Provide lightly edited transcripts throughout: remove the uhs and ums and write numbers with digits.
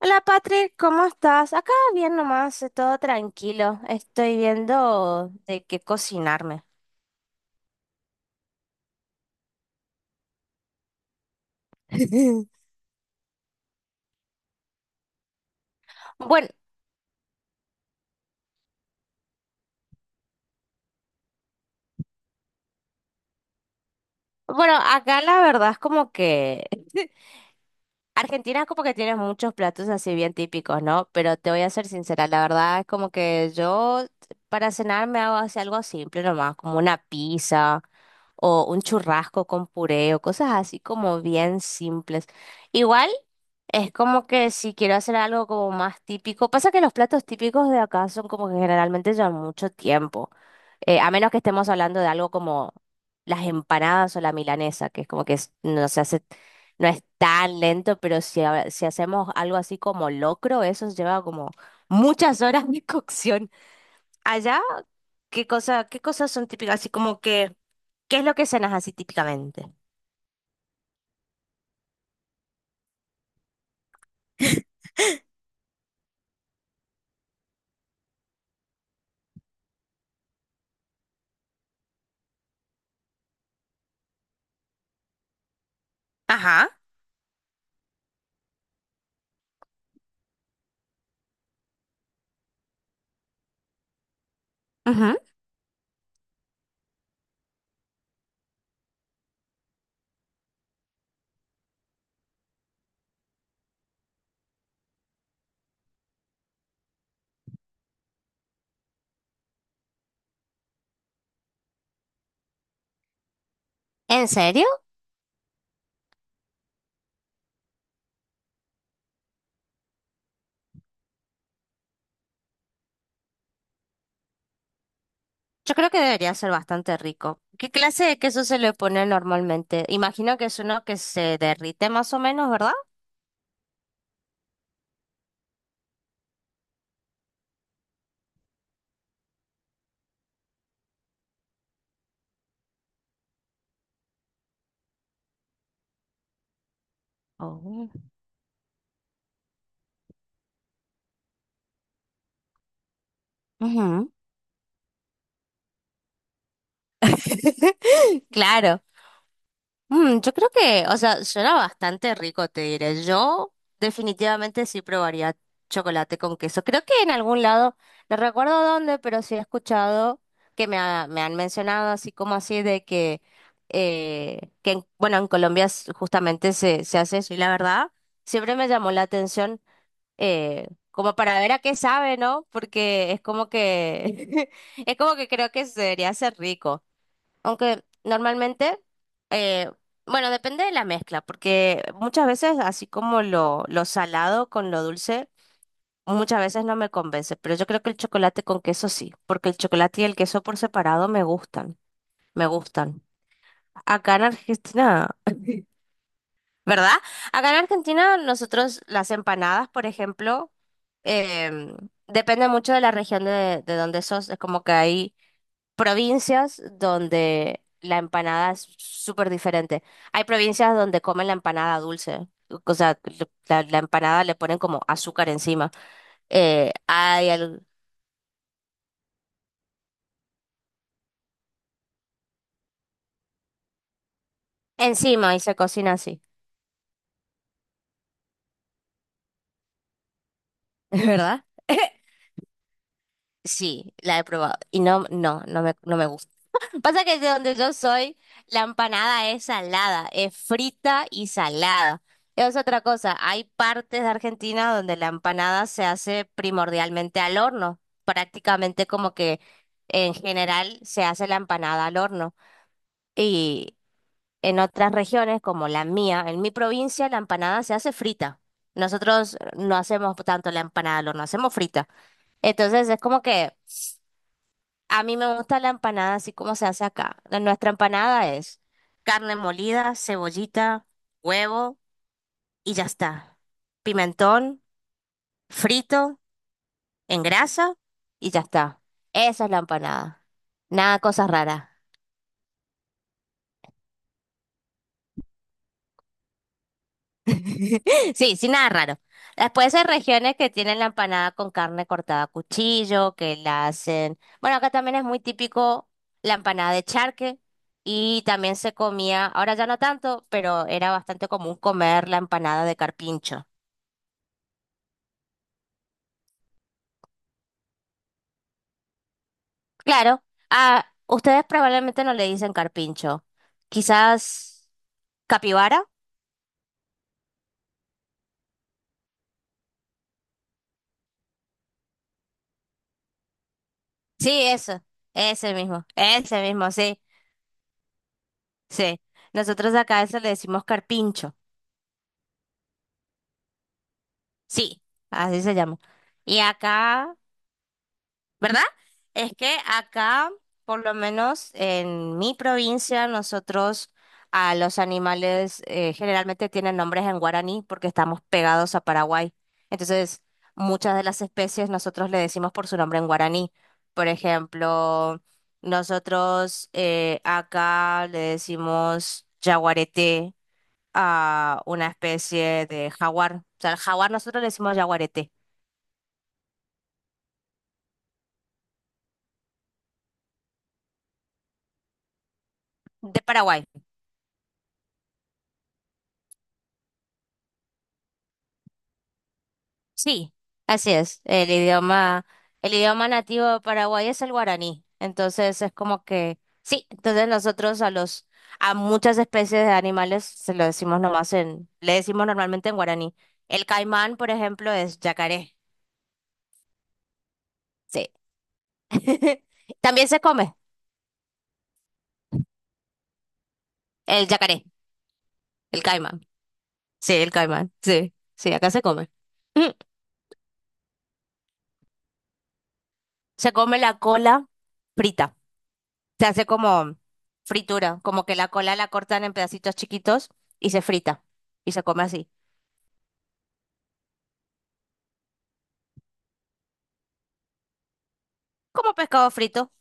Hola Patrick, ¿cómo estás? Acá bien nomás, todo tranquilo. Estoy viendo de qué cocinarme. Bueno, bueno, acá la verdad es como que Argentina como que tiene muchos platos así bien típicos, ¿no? Pero te voy a ser sincera, la verdad es como que yo para cenar me hago así algo simple nomás, como una pizza o un churrasco con puré o cosas así como bien simples. Igual es como que si quiero hacer algo como más típico, pasa que los platos típicos de acá son como que generalmente llevan mucho tiempo, a menos que estemos hablando de algo como las empanadas o la milanesa, que es como que no se hace, no es tan lento, pero si, si hacemos algo así como locro, eso lleva como muchas horas de cocción. Allá, ¿qué cosas son típicas? Así como que, ¿qué es lo que cenas así típicamente? Ajá. Ujú. ¿En serio? Yo creo que debería ser bastante rico. ¿Qué clase de queso se le pone normalmente? Imagino que es uno que se derrite más o menos, ¿verdad? Oh. Ujú. Claro. Mm, yo creo que, o sea, suena bastante rico, te diré. Yo definitivamente sí probaría chocolate con queso. Creo que en algún lado, no recuerdo dónde, pero sí he escuchado que me han mencionado así como así de que bueno, en Colombia justamente se hace eso y la verdad, siempre me llamó la atención. Como para ver a qué sabe, ¿no? Porque es como que, es como que creo que se debería ser rico. Aunque normalmente, eh, bueno, depende de la mezcla, porque muchas veces, así como lo salado con lo dulce, muchas veces no me convence, pero yo creo que el chocolate con queso sí, porque el chocolate y el queso por separado me gustan, me gustan. Acá en Argentina... ¿verdad? Acá en Argentina nosotros las empanadas, por ejemplo, em, depende mucho de la región de donde sos. Es como que hay provincias donde la empanada es súper diferente. Hay provincias donde comen la empanada dulce. O sea, la empanada le ponen como azúcar encima. Eh, hay al- encima y se cocina así, ¿verdad? Sí, la he probado. Y no me, no me gusta. Pasa que de donde yo soy, la empanada es salada, es frita y salada. Es otra cosa, hay partes de Argentina donde la empanada se hace primordialmente al horno, prácticamente como que en general se hace la empanada al horno. Y en otras regiones como la mía, en mi provincia, la empanada se hace frita. Nosotros no hacemos tanto la empanada al horno, hacemos frita. Entonces es como que... A mí me gusta la empanada así como se hace acá. Nuestra empanada es carne molida, cebollita, huevo y ya está. Pimentón, frito, en grasa y ya está. Esa es la empanada. Nada cosas raras. Sí, sí, nada raro. Después hay regiones que tienen la empanada con carne cortada a cuchillo, que la hacen. Bueno, acá también es muy típico la empanada de charque y también se comía, ahora ya no tanto, pero era bastante común comer la empanada de carpincho. Claro, a ustedes probablemente no le dicen carpincho. Quizás capibara. Sí, eso, ese mismo, sí, sí. Nosotros acá a eso le decimos carpincho. Sí, así se llama. Y acá, ¿verdad? Es que acá, por lo menos en mi provincia, nosotros a los animales generalmente tienen nombres en guaraní porque estamos pegados a Paraguay. Entonces, muchas de las especies nosotros le decimos por su nombre en guaraní. Por ejemplo, nosotros acá le decimos yaguareté a una especie de jaguar. O sea, al jaguar nosotros le decimos yaguareté. De Paraguay. Sí. Así es, el idioma nativo de Paraguay es el guaraní. Entonces es como que, sí, entonces nosotros a muchas especies de animales se lo decimos nomás en, le decimos normalmente en guaraní. El caimán, por ejemplo, es yacaré. Sí. También se come el yacaré, el caimán. Sí, el caimán. Sí, sí, acá se come. Mm, se come la cola frita. Se hace como fritura, como que la cola la cortan en pedacitos chiquitos y se frita y se come así, como pescado frito.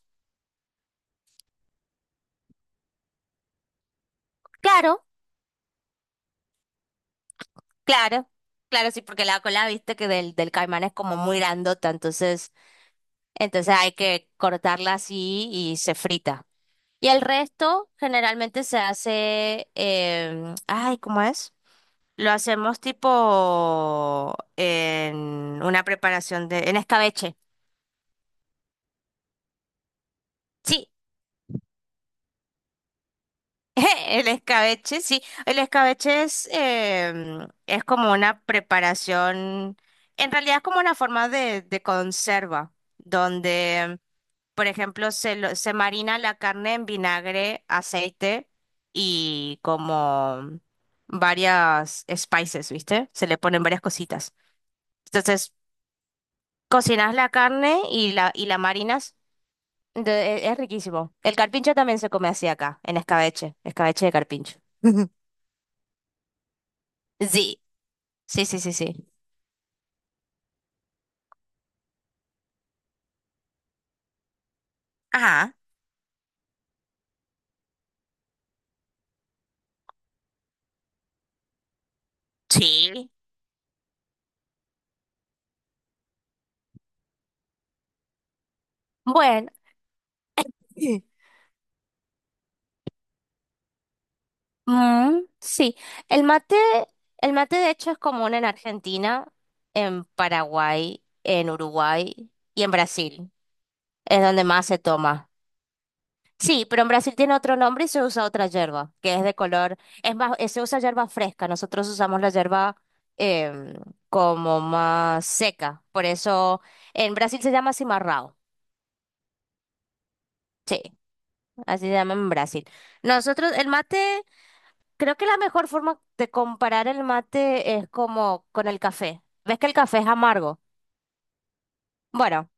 Claro, claro, claro, sí, porque la cola, viste que del caimán es como muy grandota, entonces, entonces hay que cortarla así y se frita. Y el resto generalmente se hace, em, ay, ¿cómo es? Lo hacemos tipo en una preparación de, en escabeche. Sí, el escabeche, sí. El escabeche es, es como una preparación, en realidad es como una forma de conserva, donde, por ejemplo, se marina la carne en vinagre, aceite y como varias spices, ¿viste? Se le ponen varias cositas. Entonces, cocinas la carne y y la marinas. Es riquísimo. El carpincho también se come así acá, en escabeche, escabeche de carpincho. Sí, sí, sí, sí, sí. Ajá, sí. Bueno, sí. Sí. El mate, el mate de hecho es común en Argentina, en Paraguay, en Uruguay y en Brasil. Es donde más se toma. Sí, pero en Brasil tiene otro nombre y se usa otra yerba, que es de color, es más, se usa yerba fresca. Nosotros usamos la yerba em, como más seca. Por eso en Brasil se llama cimarrão. Sí, así se llama en Brasil. Nosotros, el mate. Creo que la mejor forma de comparar el mate es como con el café. ¿Ves que el café es amargo? Bueno,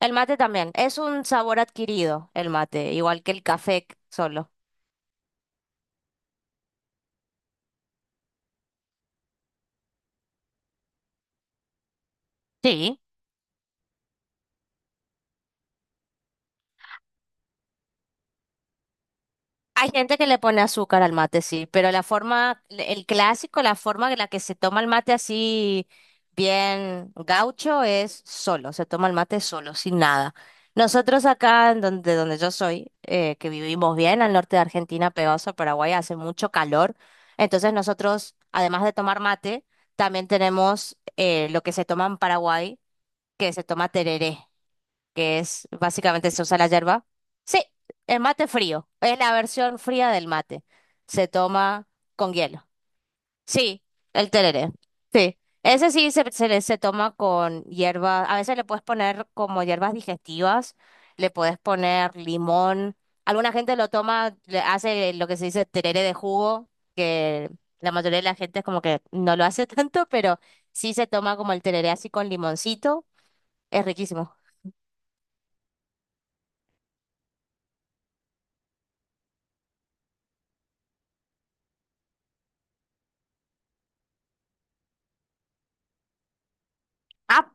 el mate también. Es un sabor adquirido, el mate, igual que el café solo. Sí. Hay gente que le pone azúcar al mate, sí, pero la forma, el clásico, la forma en la que se toma el mate así bien gaucho es solo, se toma el mate solo, sin nada. Nosotros acá, en donde, donde yo soy, que vivimos bien al norte de Argentina, pegados a Paraguay, hace mucho calor, entonces nosotros, además de tomar mate, también tenemos lo que se toma en Paraguay, que se toma tereré, que es básicamente se usa la yerba. Sí, el mate frío, es la versión fría del mate. Se toma con hielo. Sí, el tereré. Sí, ese sí se toma con hierba. A veces le puedes poner como hierbas digestivas, le puedes poner limón. Alguna gente lo toma, le hace lo que se dice tereré de jugo, que la mayoría de la gente es como que no lo hace tanto, pero sí se toma como el tereré así con limoncito. Es riquísimo. Ah,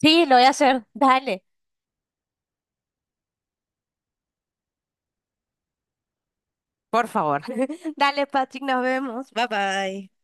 sí, lo voy a hacer. Dale, por favor. Dale, Patrick, nos vemos. Bye bye.